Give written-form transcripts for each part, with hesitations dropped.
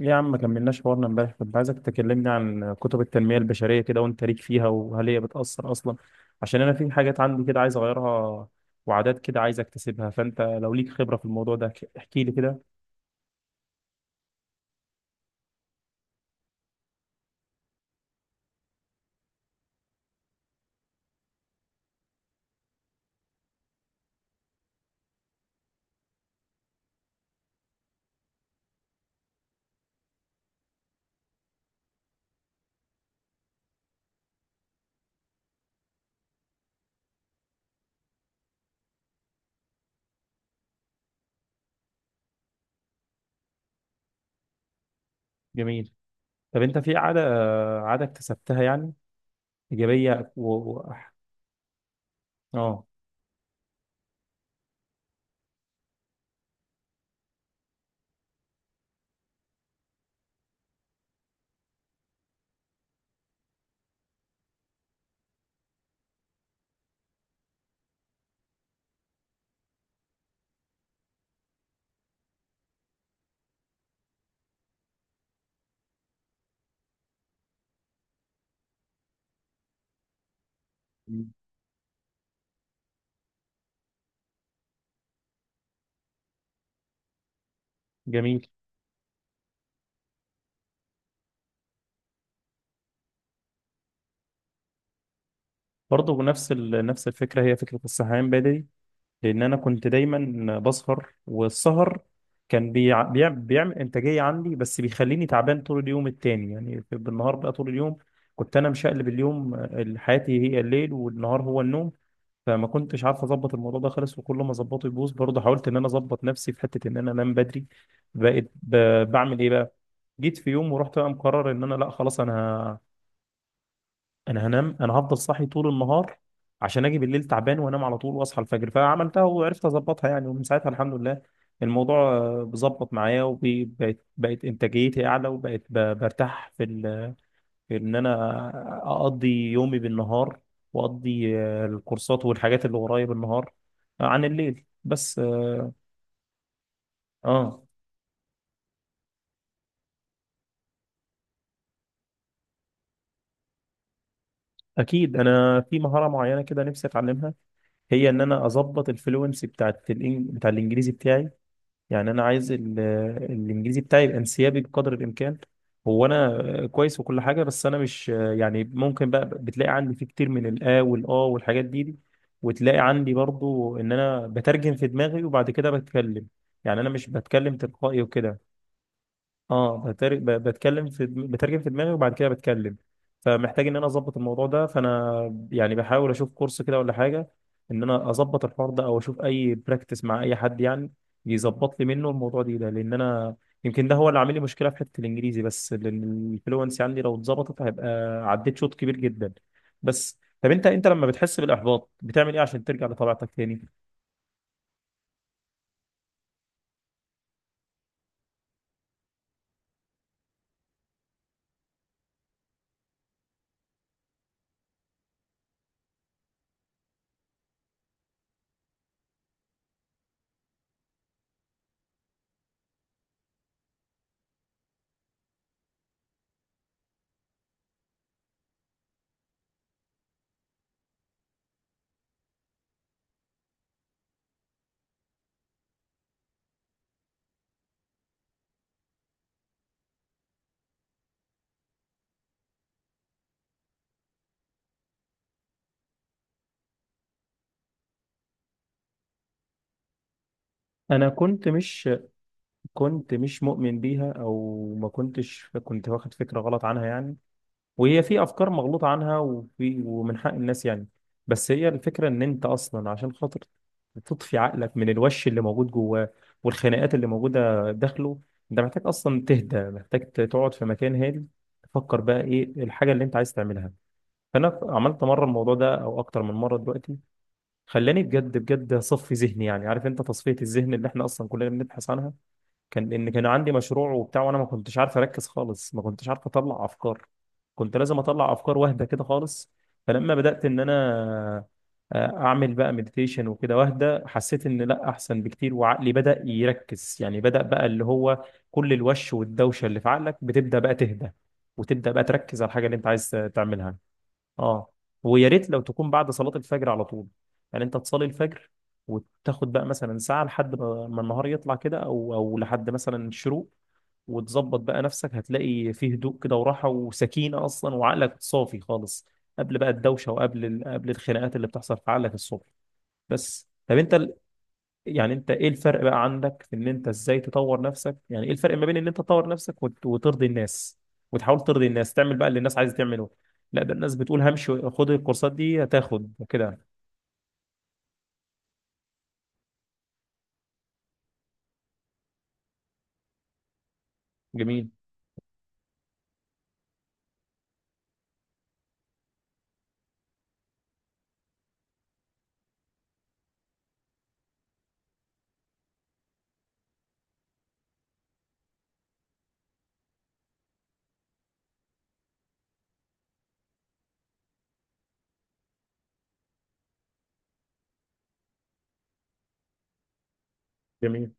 ليه يا عم ما كملناش حوارنا امبارح؟ كنت عايزك تكلمني عن كتب التنمية البشرية كده وانت ليك فيها، وهل هي بتأثر أصلا؟ عشان أنا في حاجات عندي كده عايز أغيرها، وعادات كده عايز أكتسبها. فأنت لو ليك خبرة في الموضوع ده احكي لي كده. جميل. طب أنت في عادة، عادة اكتسبتها يعني، إيجابية آه. جميل. برضه نفس الفكرة، هي فكرة الصحيان بدري. لان انا كنت دايما بسهر، والسهر كان بيعمل انتاجيه عندي، بس بيخليني تعبان طول اليوم التاني. يعني بالنهار بقى طول اليوم كنت انا مشقلب اليوم. حياتي هي الليل والنهار هو النوم. فما كنتش عارف اظبط الموضوع ده خالص، وكل ما اظبطه يبوظ. برضه حاولت ان انا اظبط نفسي في حته ان انا انام بدري. بقيت ب... بعمل ايه بقى؟ جيت في يوم ورحت بقى مقرر ان انا لا خلاص انا هنام، انا هفضل صاحي طول النهار عشان اجي بالليل تعبان وانام على طول واصحى الفجر. فعملتها وعرفت اظبطها يعني، ومن ساعتها الحمد لله الموضوع بظبط معايا، وبقت انتاجيتي اعلى، وبقت برتاح في في ان انا اقضي يومي بالنهار، واقضي الكورسات والحاجات اللي ورايا بالنهار عن الليل بس. اه. آه. اكيد انا في مهارة معينة كده نفسي اتعلمها، هي ان انا اظبط الفلوينسي بتاعت بتاع الانجليزي بتاعي. يعني انا عايز الانجليزي بتاعي يبقى انسيابي بقدر الامكان. هو انا كويس وكل حاجه، بس انا مش يعني، ممكن بقى بتلاقي عندي فيه كتير من الا والا والحاجات دي، وتلاقي عندي برضو ان انا بترجم في دماغي وبعد كده بتكلم. يعني انا مش بتكلم تلقائي وكده. اه، بتكلم في بترجم في دماغي وبعد كده بتكلم. فمحتاج ان انا اظبط الموضوع ده، فانا يعني بحاول اشوف كورس كده ولا حاجه ان انا اظبط الحوار ده، او اشوف اي براكتس مع اي حد يعني يظبط لي منه الموضوع ده. لان انا يمكن ده هو اللي عامل لي مشكله في حته الانجليزي بس، لان الفلونسي عندي لو اتظبطت هيبقى عديت شوط كبير جدا. بس طب انت لما بتحس بالاحباط بتعمل ايه عشان ترجع لطبيعتك تاني؟ انا كنت مش كنت مش مؤمن بيها، او ما كنتش، كنت واخد فكره غلط عنها يعني. وهي في افكار مغلوطه عنها، وفي ومن حق الناس يعني. بس هي الفكره ان انت اصلا عشان خاطر تطفي عقلك من الوش اللي موجود جواه والخناقات اللي موجوده داخله، انت محتاج اصلا تهدى، محتاج تقعد في مكان هادي تفكر بقى ايه الحاجه اللي انت عايز تعملها. فانا عملت مره الموضوع ده او اكتر من مره دلوقتي، خلاني بجد بجد اصفي ذهني يعني، عارف انت تصفيه الذهن اللي احنا اصلا كلنا بنبحث عنها. كان لان كان عندي مشروع وبتاع وانا ما كنتش عارف اركز خالص، ما كنتش عارف اطلع افكار، كنت لازم اطلع افكار واحده كده خالص. فلما بدات ان انا اعمل بقى مديتيشن وكده واحده، حسيت ان لا احسن بكتير، وعقلي بدا يركز يعني، بدا بقى اللي هو كل الوش والدوشه اللي في عقلك بتبدا بقى تهدى، وتبدا بقى تركز على الحاجه اللي انت عايز تعملها. اه. ويا ريت لو تكون بعد صلاة الفجر على طول، يعني انت تصلي الفجر وتاخد بقى مثلا ساعة لحد ما النهار يطلع كده، او لحد مثلا الشروق، وتظبط بقى نفسك. هتلاقي فيه هدوء كده وراحة وسكينة اصلا، وعقلك صافي خالص قبل بقى الدوشة وقبل قبل الخناقات اللي بتحصل في عقلك الصبح. بس طب انت، يعني انت ايه الفرق بقى عندك في ان انت ازاي تطور نفسك؟ يعني ايه الفرق ما بين ان انت تطور نفسك وترضي الناس، وتحاول ترضي الناس تعمل بقى اللي الناس عايزه تعمله؟ لا ده الناس بتقول همشي خد الكورسات دي هتاخد وكده. جميل. جميل.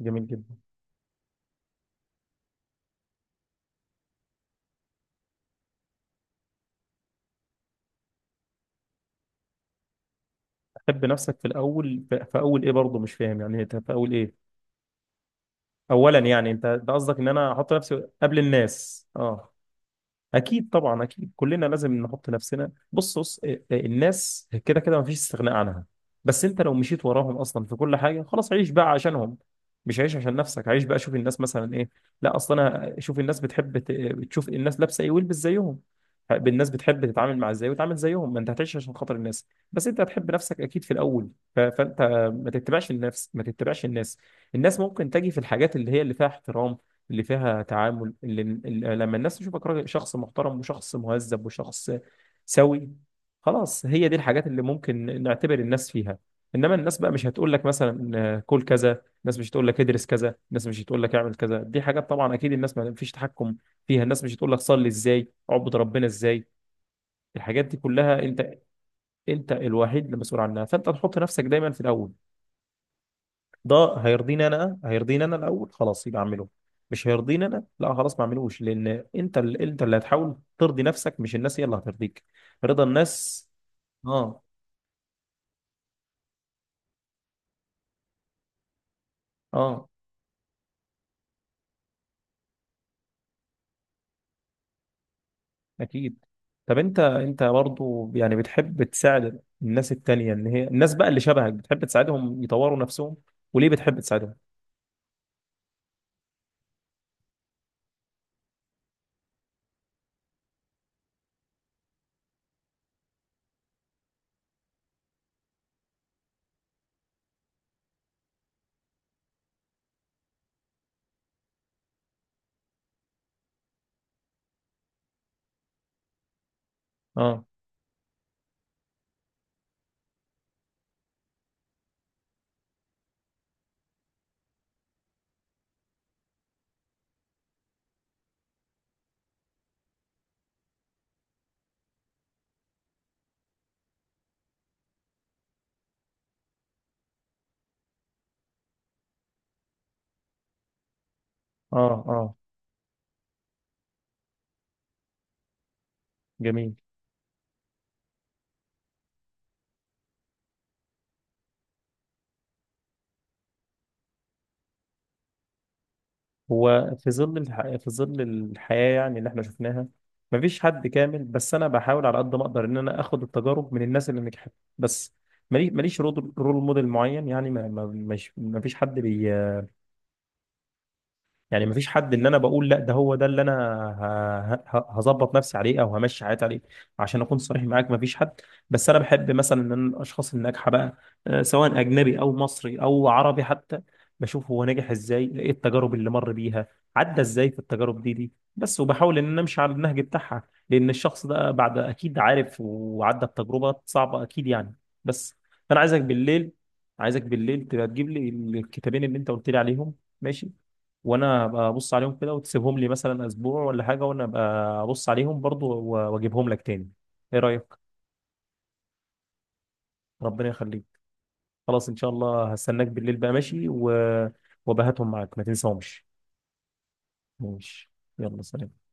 جميل جدا. تحب نفسك في الاول؟ في في اول ايه برضه؟ مش فاهم يعني، انت في اول ايه؟ اولا يعني، انت ده قصدك ان انا احط نفسي قبل الناس؟ اه، اكيد طبعا، اكيد كلنا لازم نحط نفسنا. بص إيه، إيه، الناس كده كده مفيش استغناء عنها، بس انت لو مشيت وراهم اصلا في كل حاجه خلاص عيش بقى عشانهم، مش عيش عشان نفسك. عيش بقى شوف الناس مثلا ايه، لا اصلا انا شوف الناس بتحب تشوف الناس لابسه ايه والبس زيهم، الناس بتحب تتعامل مع ازاي وتعامل زيهم، ما انت هتعيش عشان خاطر الناس. بس انت هتحب نفسك اكيد في الاول، فانت ما تتبعش النفس ما تتبعش الناس. الناس ممكن تجي في الحاجات اللي هي اللي فيها احترام، اللي فيها تعامل، اللي لما الناس تشوفك راجل، شخص محترم وشخص مهذب وشخص سوي، خلاص هي دي الحاجات اللي ممكن نعتبر الناس فيها. انما الناس بقى مش هتقول لك مثلا كل كذا، الناس مش هتقول لك ادرس كذا، الناس مش هتقول لك اعمل كذا. دي حاجات طبعا اكيد الناس ما فيش تحكم فيها. الناس مش هتقول لك صلي ازاي، اعبد ربنا ازاي. الحاجات دي كلها انت، انت الوحيد المسؤول عنها. فانت تحط نفسك دايما في الاول. ده هيرضيني انا، هيرضيني انا الاول، خلاص يبقى اعمله. مش هيرضيني انا، لا خلاص ما اعملوش. لان انت، انت اللي هتحاول ترضي نفسك، مش الناس هي اللي هترضيك. رضا الناس. اه. اه. اكيد. طب انت برضو يعني بتحب تساعد الناس التانية، ان هي الناس بقى اللي شبهك بتحب تساعدهم يطوروا نفسهم؟ وليه بتحب تساعدهم؟ اه. اه. اه. جميل. هو في ظل في ظل الحياة يعني اللي احنا شفناها مفيش حد كامل، بس انا بحاول على قد ما اقدر ان انا اخد التجارب من الناس اللي نجحت بس. ماليش رول موديل معين يعني، مفيش حد بي، يعني مفيش حد ان انا بقول لا ده هو ده اللي انا هظبط نفسي عليه او همشي حياتي عليه. عشان اكون صريح معاك مفيش حد. بس انا بحب مثلا ان أنا الاشخاص الناجحه بقى، سواء اجنبي او مصري او عربي حتى، بشوف هو ناجح ازاي، ايه التجارب اللي مر بيها، عدى ازاي في التجارب دي بس، وبحاول ان انا امشي على النهج بتاعها. لان الشخص ده بعد اكيد عارف وعدى بتجربه صعبه اكيد يعني. بس فانا عايزك بالليل عايزك بالليل تبقى تجيب لي الكتابين اللي انت قلت لي عليهم، ماشي؟ وانا ابقى ابص عليهم كده، وتسيبهم لي مثلا اسبوع ولا حاجه، وانا ابقى ابص عليهم برضو واجيبهم لك تاني. ايه رايك؟ ربنا يخليك. خلاص ان شاء الله هستناك بالليل بقى، ماشي. وبهاتهم معاك ما تنساهمش. ماشي. يلا سلام.